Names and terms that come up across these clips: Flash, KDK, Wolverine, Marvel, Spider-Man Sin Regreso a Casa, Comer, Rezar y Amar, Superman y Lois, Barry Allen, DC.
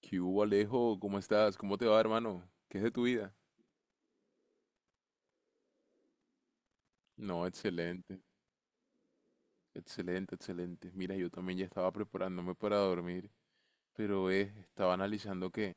¿Qué hubo, Alejo? ¿Cómo estás? ¿Cómo te va, hermano? ¿Qué es de tu vida? No, excelente, excelente, excelente. Mira, yo también ya estaba preparándome para dormir, pero estaba analizando que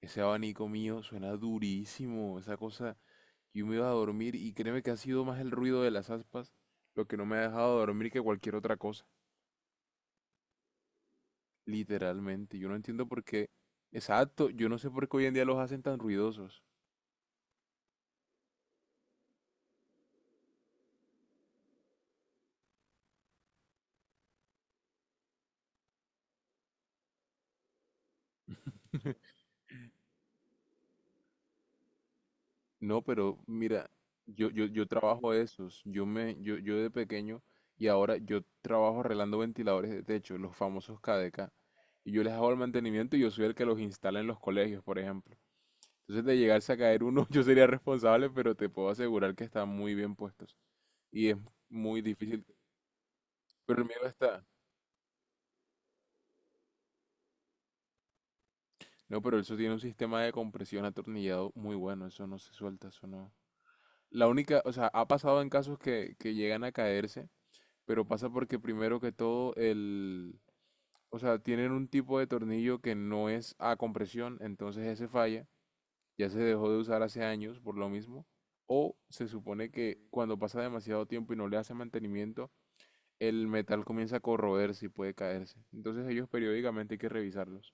ese abanico mío suena durísimo, esa cosa. Yo me iba a dormir y créeme que ha sido más el ruido de las aspas lo que no me ha dejado dormir que cualquier otra cosa. Literalmente, yo no entiendo por qué. Exacto, yo no sé por qué hoy en día los hacen tan ruidosos. No, pero mira, yo trabajo esos. Yo de pequeño y ahora yo trabajo arreglando ventiladores de techo, los famosos KDK. Y yo les hago el mantenimiento y yo soy el que los instala en los colegios, por ejemplo. Entonces, de llegarse a caer uno, yo sería responsable, pero te puedo asegurar que están muy bien puestos. Y es muy difícil. Pero el miedo está. No, pero eso tiene un sistema de compresión atornillado muy bueno. Eso no se suelta, eso no. La única, o sea, ha pasado en casos que llegan a caerse. Pero pasa porque primero que todo el, o sea, tienen un tipo de tornillo que no es a compresión, entonces ese falla, ya se dejó de usar hace años por lo mismo, o se supone que cuando pasa demasiado tiempo y no le hace mantenimiento, el metal comienza a corroerse y puede caerse. Entonces ellos periódicamente hay que revisarlos.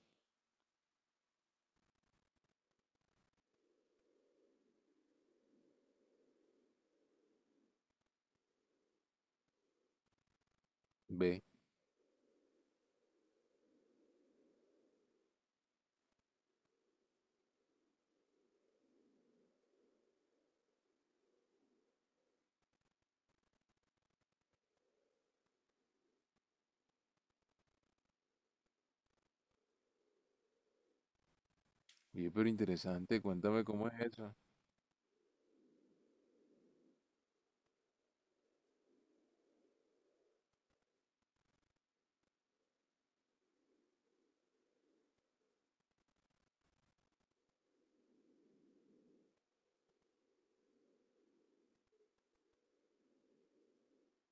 Ve, oye, pero interesante, cuéntame cómo es eso.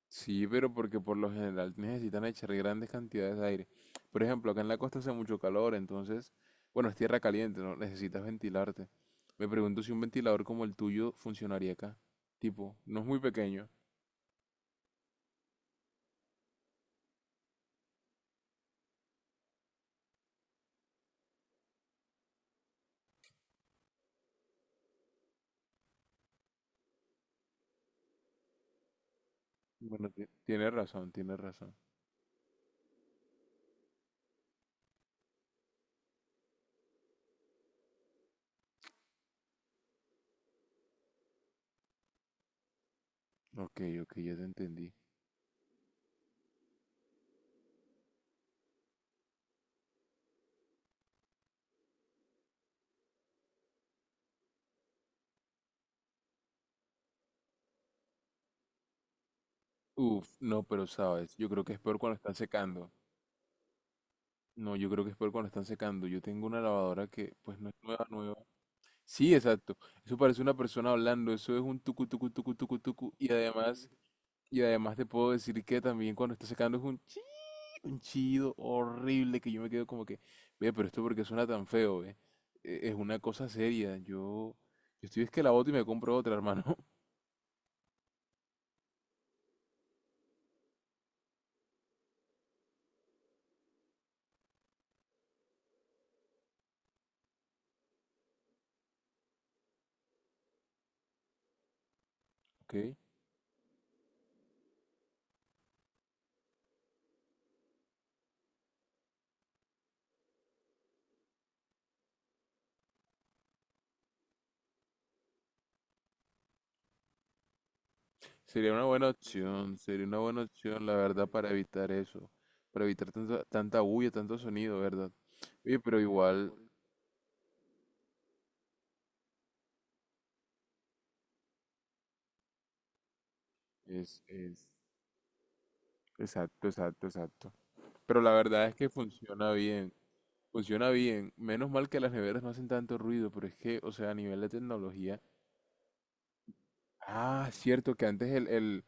Sí, pero porque por lo general necesitan echar grandes cantidades de aire. Por ejemplo, acá en la costa hace mucho calor, entonces, bueno, es tierra caliente, ¿no? Necesitas ventilarte. Me pregunto si un ventilador como el tuyo funcionaría acá. Tipo, no es muy pequeño. Bueno, tienes razón, tienes razón. Ok, ok, ya te entendí. Uf, no, pero sabes, yo creo que es peor cuando están secando. No, yo creo que es peor cuando están secando. Yo tengo una lavadora que, pues, no es nueva, nueva. Sí, exacto. Eso parece una persona hablando, eso es un tucu tucu tucu tucu tucu y además. Y además te puedo decir que también cuando está sacando es un un chido horrible que yo me quedo como que, ve, pero esto porque suena tan feo, ve. Es una cosa seria. Yo estoy es que la boto y me compro otra, hermano. ¿Ok? Sería una buena opción, sería una buena opción, la verdad, para evitar eso. Para evitar tanta, tanta bulla, tanto sonido, ¿verdad? Oye, pero igual es... Exacto, exacto, exacto. Pero la verdad es que funciona bien. Funciona bien. Menos mal que las neveras no hacen tanto ruido, pero es que, o sea, a nivel de tecnología. Ah, cierto que antes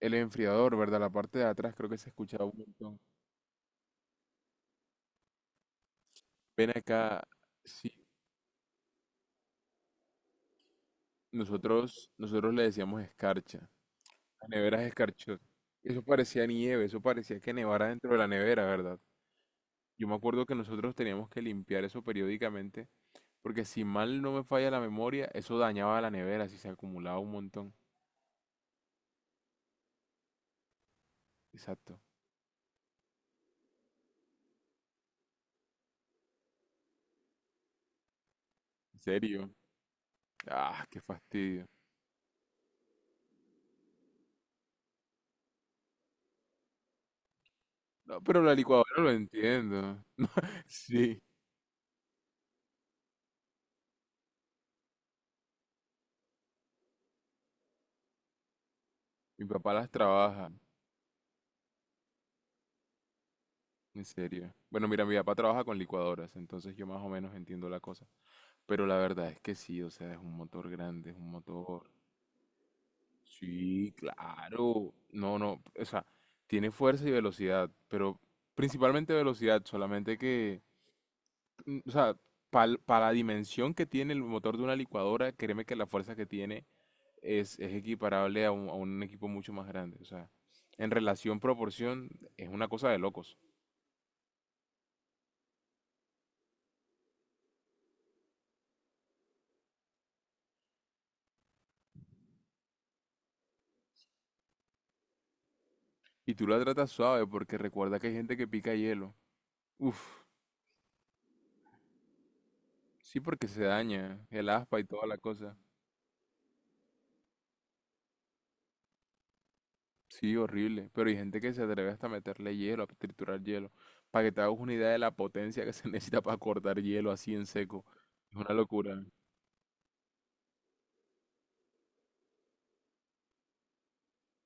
el enfriador, ¿verdad? La parte de atrás creo que se escuchaba un montón. Ven acá, sí, nosotros le decíamos escarcha. Las neveras escarchot. Eso parecía nieve, eso parecía que nevara dentro de la nevera, ¿verdad? Yo me acuerdo que nosotros teníamos que limpiar eso periódicamente, porque si mal no me falla la memoria, eso dañaba la nevera si se acumulaba un montón. Exacto. En serio. Ah, qué fastidio. No, pero la licuadora lo entiendo. Sí, mi papá las trabaja, en serio. Bueno, mira, mi papá trabaja con licuadoras, entonces yo más o menos entiendo la cosa. Pero la verdad es que sí, o sea, es un motor grande, es un motor. Sí, claro. No, no, o sea, tiene fuerza y velocidad, pero principalmente velocidad, solamente que, o sea, para la dimensión que tiene el motor de una licuadora, créeme que la fuerza que tiene es equiparable a un equipo mucho más grande. O sea, en relación proporción es una cosa de locos. Y tú la tratas suave porque recuerda que hay gente que pica hielo. Uf, sí porque se daña el aspa y toda la cosa. Sí, horrible. Pero hay gente que se atreve hasta a meterle hielo, a triturar hielo. Para que te hagas una idea de la potencia que se necesita para cortar hielo así en seco. Es una locura.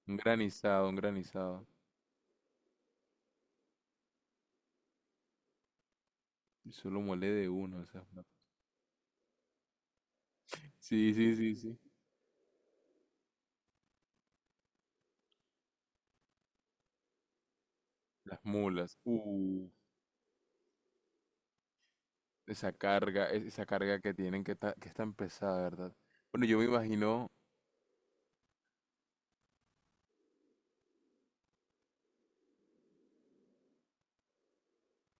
Un granizado, un granizado. Eso lo muele de uno, o sea, sí, sí, sí, sí. Las mulas. Esa carga, esa carga que tienen que, está que es tan pesada, ¿verdad? Bueno, yo me imagino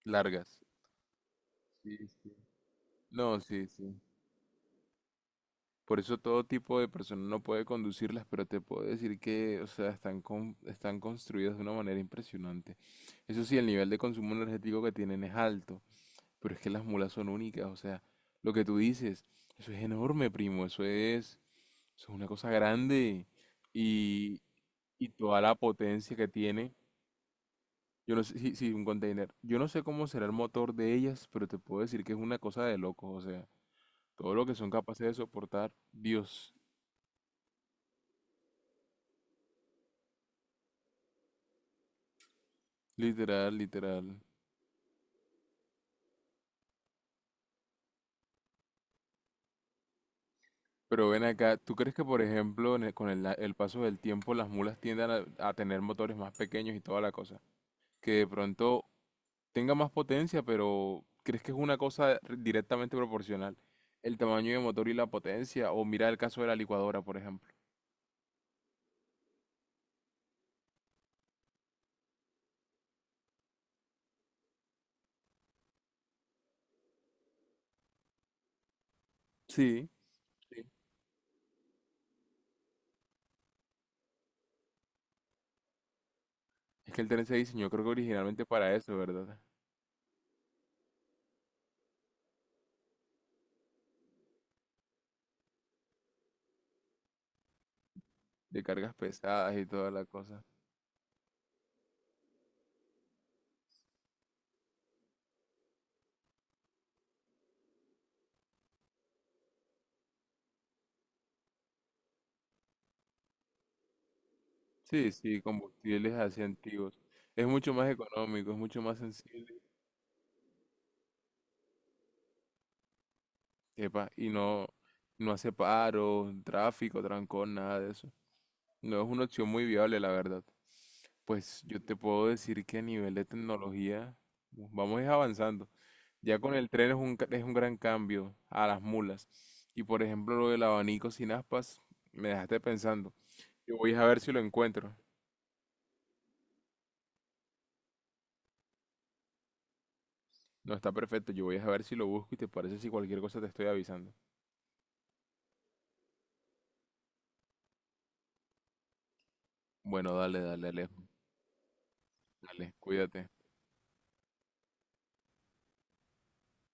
largas. Sí, sí. No, sí, sí. Por eso todo tipo de persona no puede conducirlas, pero te puedo decir que, o sea, están, están construidas de una manera impresionante. Eso sí, el nivel de consumo energético que tienen es alto, pero es que las mulas son únicas, o sea, lo que tú dices, eso es enorme, primo, eso es una cosa grande y, y toda la potencia que tiene. Yo no sé, sí, sí, un container. Yo no sé cómo será el motor de ellas, pero te puedo decir que es una cosa de locos. O sea, todo lo que son capaces de soportar, Dios. Literal, literal. Pero ven acá, ¿tú crees que, por ejemplo, con el paso del tiempo las mulas tiendan a tener motores más pequeños y toda la cosa? Que de pronto tenga más potencia, pero ¿crees que es una cosa directamente proporcional? El tamaño de motor y la potencia. O mira el caso de la licuadora, por ejemplo. Sí. Sí. Es que el tren se diseñó, creo que originalmente para eso, ¿verdad? De cargas pesadas y toda la cosa. Sí, sí, combustibles así antiguos. Es mucho más económico, es mucho más sensible. Epa, y no, no hace paro, tráfico, trancón, nada de eso. No es una opción muy viable, la verdad. Pues yo te puedo decir que a nivel de tecnología vamos a ir avanzando. Ya con el tren es un, es un gran cambio a las mulas. Y por ejemplo, lo del abanico sin aspas, me dejaste pensando. Yo voy a ver si lo encuentro. No, está perfecto. Yo voy a ver si lo busco y te parece si cualquier cosa te estoy avisando. Bueno, dale, dale, Alejo. Dale, cuídate.